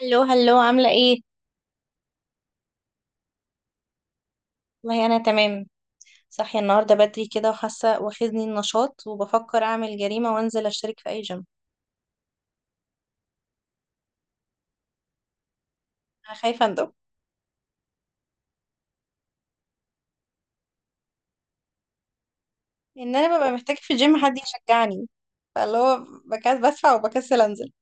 هلو هلو، عاملة ايه؟ والله أنا تمام. صاحية النهاردة بدري كده، وحاسة واخدني النشاط وبفكر أعمل جريمة وأنزل أشترك في أي جيم. أنا خايفة أندم إن أنا ببقى محتاجة في الجيم حد يشجعني، فاللي هو بكسل بدفع وبكسل أنزل.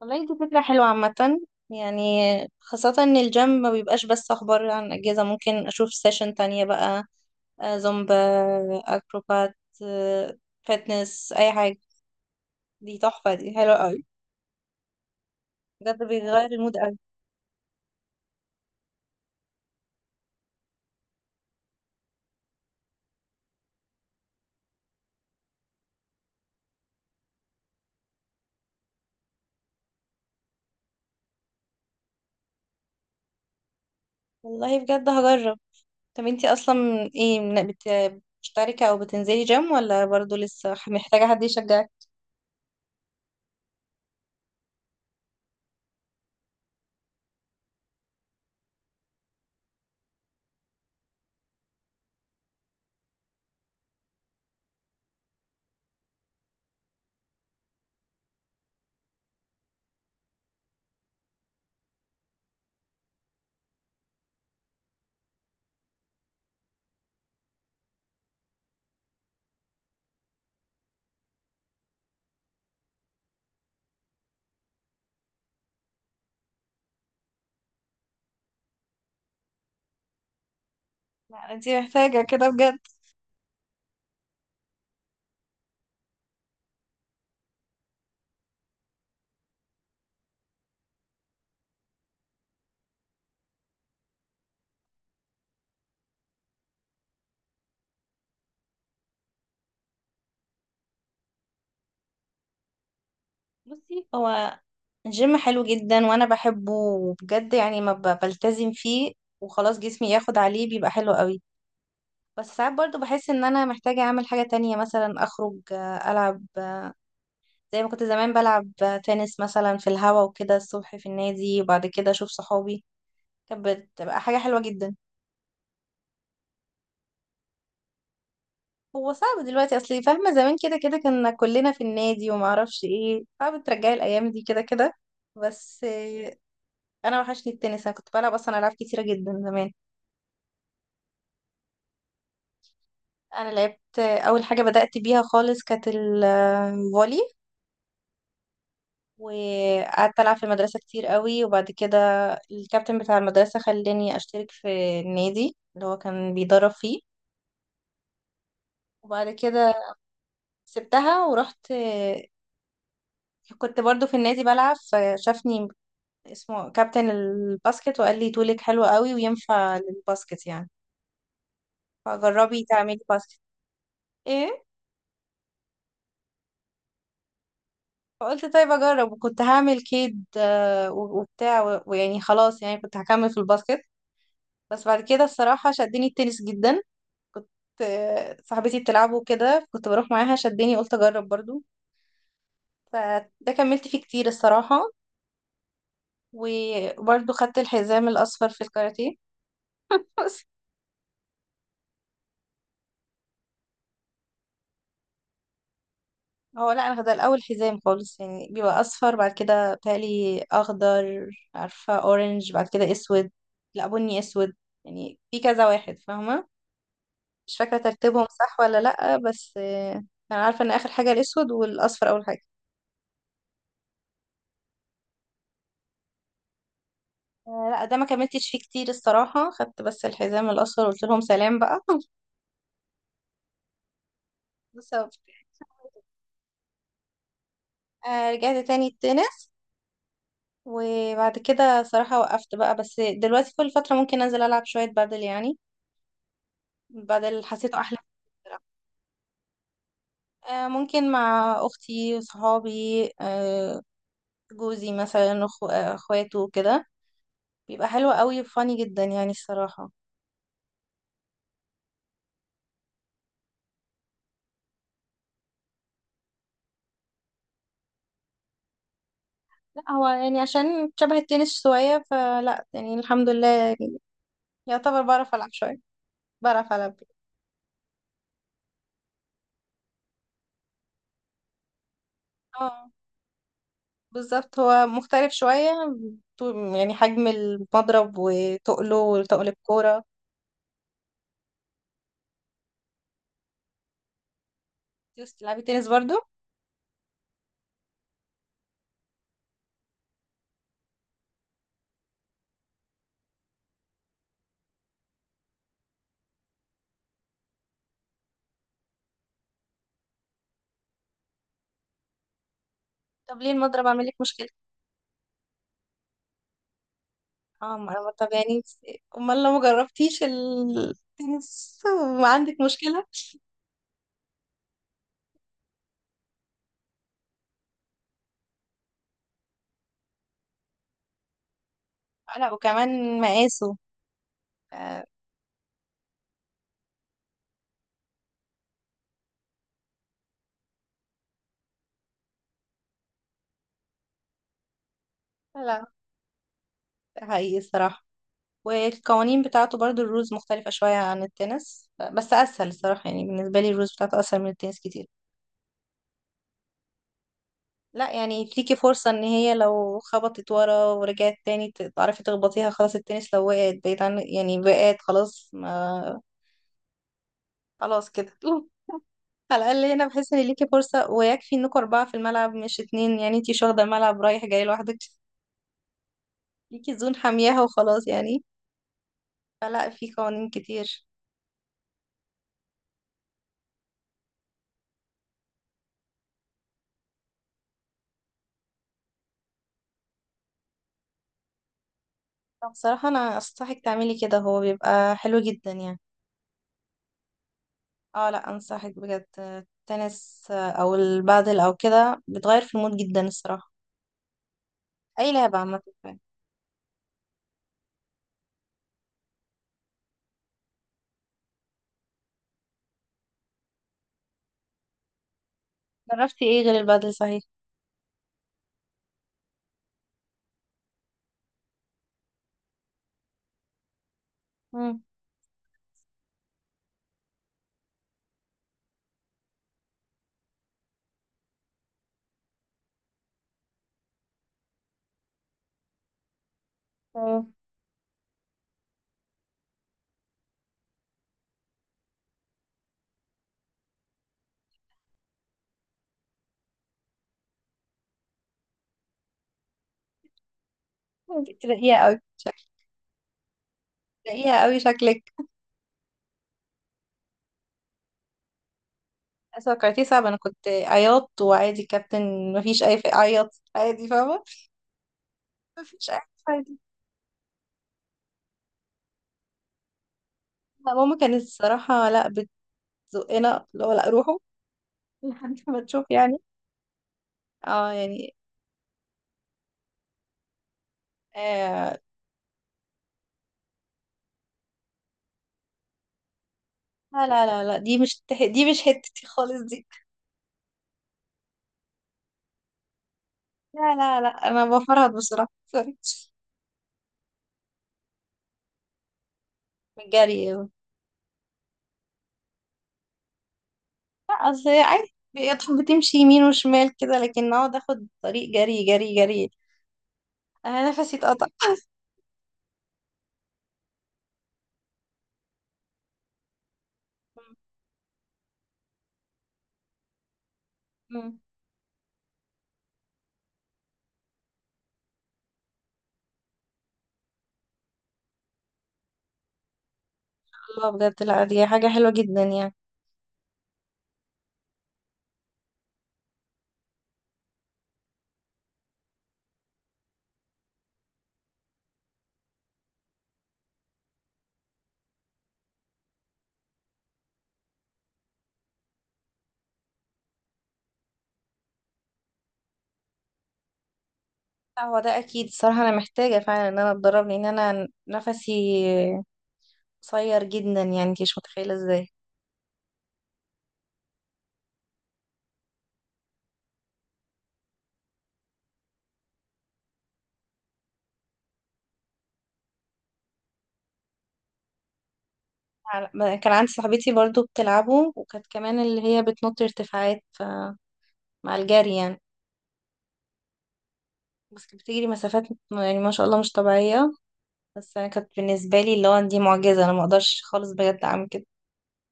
والله دي فكرة حلوة عامة، يعني خاصة إن الجيم ما بيبقاش بس أخبار عن أجهزة، ممكن أشوف سيشن تانية بقى. زومبا، أكروبات، آه، فتنس أي حاجة. دي تحفة، دي حلوة أوي، بجد بيغير المود أوي. والله بجد هجرب. طب انتي اصلا ايه، بتشتركي او بتنزلي جيم ولا برضو لسه محتاجة حد يشجعك؟ لا انتي محتاجة كده بجد. بصي، هو الجيم حلو جدا وانا بحبه، وبجد يعني ما بلتزم فيه وخلاص، جسمي ياخد عليه بيبقى حلو قوي. بس ساعات برضو بحس ان انا محتاجة اعمل حاجة تانية، مثلا اخرج، العب، زي ما كنت زمان بلعب تنس مثلا في الهوا وكده الصبح في النادي، وبعد كده اشوف صحابي. كانت بتبقى حاجة حلوة جدا. هو صعب دلوقتي، اصل فاهمه زمان كده كده كنا كلنا في النادي، وما اعرفش ايه صعب ترجعي الايام دي كده كده. بس انا وحشني التنس، انا كنت بلعب اصلا العاب كتيره جدا زمان. انا لعبت، اول حاجه بدات بيها خالص كانت الفولي. وقعدت العب في المدرسه كتير قوي، وبعد كده الكابتن بتاع المدرسه خلاني اشترك في النادي اللي هو كان بيدرب فيه. وبعد كده سبتها ورحت، كنت برضو في النادي بلعب فشافني، اسمه كابتن الباسكت، وقال لي طولك حلو قوي وينفع للباسكت، يعني فجربي تعملي باسكت. ايه؟ فقلت طيب اجرب، وكنت هعمل كيد وبتاع ويعني خلاص، يعني كنت هكمل في الباسكت. بس بعد كده الصراحة شدني التنس جدا. كنت آه، صاحبتي بتلعبه كده، كنت بروح معاها، شدني، قلت اجرب برضو. فده كملت فيه كتير الصراحة. وبرضو خدت الحزام الأصفر في الكاراتيه. هو لا، انا ده الاول حزام خالص، يعني بيبقى اصفر، بعد كده بتهيألي اخضر، عارفه، اورنج، بعد كده اسود. لا، بني، اسود. يعني في كذا واحد فاهمه، مش فاكره ترتيبهم صح ولا لا، بس انا عارفه ان اخر حاجه الاسود والاصفر اول حاجه. لا، ده ما كملتش فيه كتير الصراحه، خدت بس الحزام الاصفر وقلت لهم سلام بقى. بالظبط. رجعت تاني التنس، وبعد كده صراحه وقفت بقى، بس دلوقتي كل فتره ممكن انزل العب شويه بادل يعني. بادل حسيته احلى. ممكن مع اختي، صحابي، آه، جوزي مثلا، اخواته كده. بيبقى حلو قوي، فاني جدا يعني الصراحة. لا هو يعني عشان شبه التنس شوية، فلا يعني الحمد لله، يعني يعتبر بعرف ألعب شوية. بعرف ألعب. اه، بالظبط، هو مختلف شوية، يعني حجم المضرب وتقله وتقل الكورة. تلعبي تنس برضو؟ طب ليه المضرب عامل لك مشكلة؟ اه، ما أنا- طب يعني امال لو ما جربتيش التنس وعندك مشكلة. لا، وكمان مقاسه. آه، لا ده حقيقي الصراحة. والقوانين بتاعته برضو الرولز مختلفة شوية عن التنس، بس أسهل الصراحة يعني، بالنسبة لي الرولز بتاعته أسهل من التنس كتير. لا يعني ليكي فرصة إن هي لو خبطت ورا ورجعت تاني تعرفي تخبطيها، خلاص. التنس لو وقعت بعيد عن، يعني وقعت خلاص ما، خلاص كده. على الأقل هنا بحس إن ليكي فرصة، ويكفي إنكوا أربعة في الملعب مش اتنين، يعني انتي مش واخدة الملعب رايح جاي لوحدك، ليكي زون حامياها وخلاص يعني، فلا في قوانين كتير. طب بصراحة أنا أنصحك تعملي كده، هو بيبقى حلو جدا يعني. اه لا، أنصحك بجد، التنس أو البادل أو كده بتغير في المود جدا الصراحة، أي لعبة عامة يعني. جربتي ايه غير البادل صحيح؟ مم. تمام. انتي تلاقيها أوي شكلك، تلاقيها أوي شكلك، توقعتيه صعب. انا كنت عياط وعادي كابتن، مفيش اي عيط عادي فاهمه، مفيش اي، عادي. لا ماما كانت الصراحه لا، بتزقنا اللي هو لا روحوا. لحد ما تشوف يعني. اه يعني. آه لا لا لا لا، دي مش حتتي خالص دي. لا لا لا، انا بفرهد بصراحه، سوري. من الجري، لا. اصل هي عادي بتحب بتمشي يمين وشمال كده، لكن اقعد اخد طريق جري جري جري، انا نفسي اتقطع. الله، بجد لا دي حاجه حلوه جدا يعني. لا هو ده اكيد الصراحه، انا محتاجه فعلا ان انا اتدرب، لان انا نفسي قصير جدا، يعني انت مش متخيله ازاي. كان عندي صاحبتي برضو بتلعبه، وكانت كمان اللي هي بتنط ارتفاعات مع الجري يعني. بس كانت بتجري مسافات يعني، ما شاء الله، مش طبيعيه. بس انا كانت بالنسبه لي اللي هو دي معجزه، انا ما اقدرش خالص بجد اعمل كده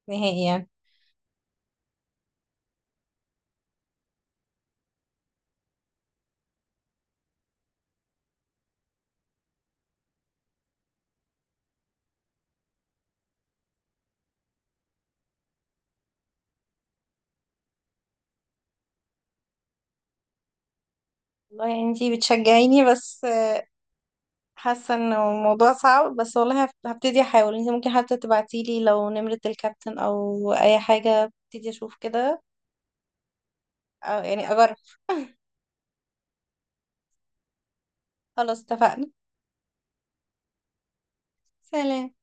نهائي يعني. والله يعني انتي بتشجعيني، بس حاسه انه الموضوع صعب، بس والله هبتدي احاول. انت ممكن حتى تبعتيلي لو نمرة الكابتن او اي حاجه، ابتدي اشوف كده، أو يعني اجرب. خلاص اتفقنا. سلام.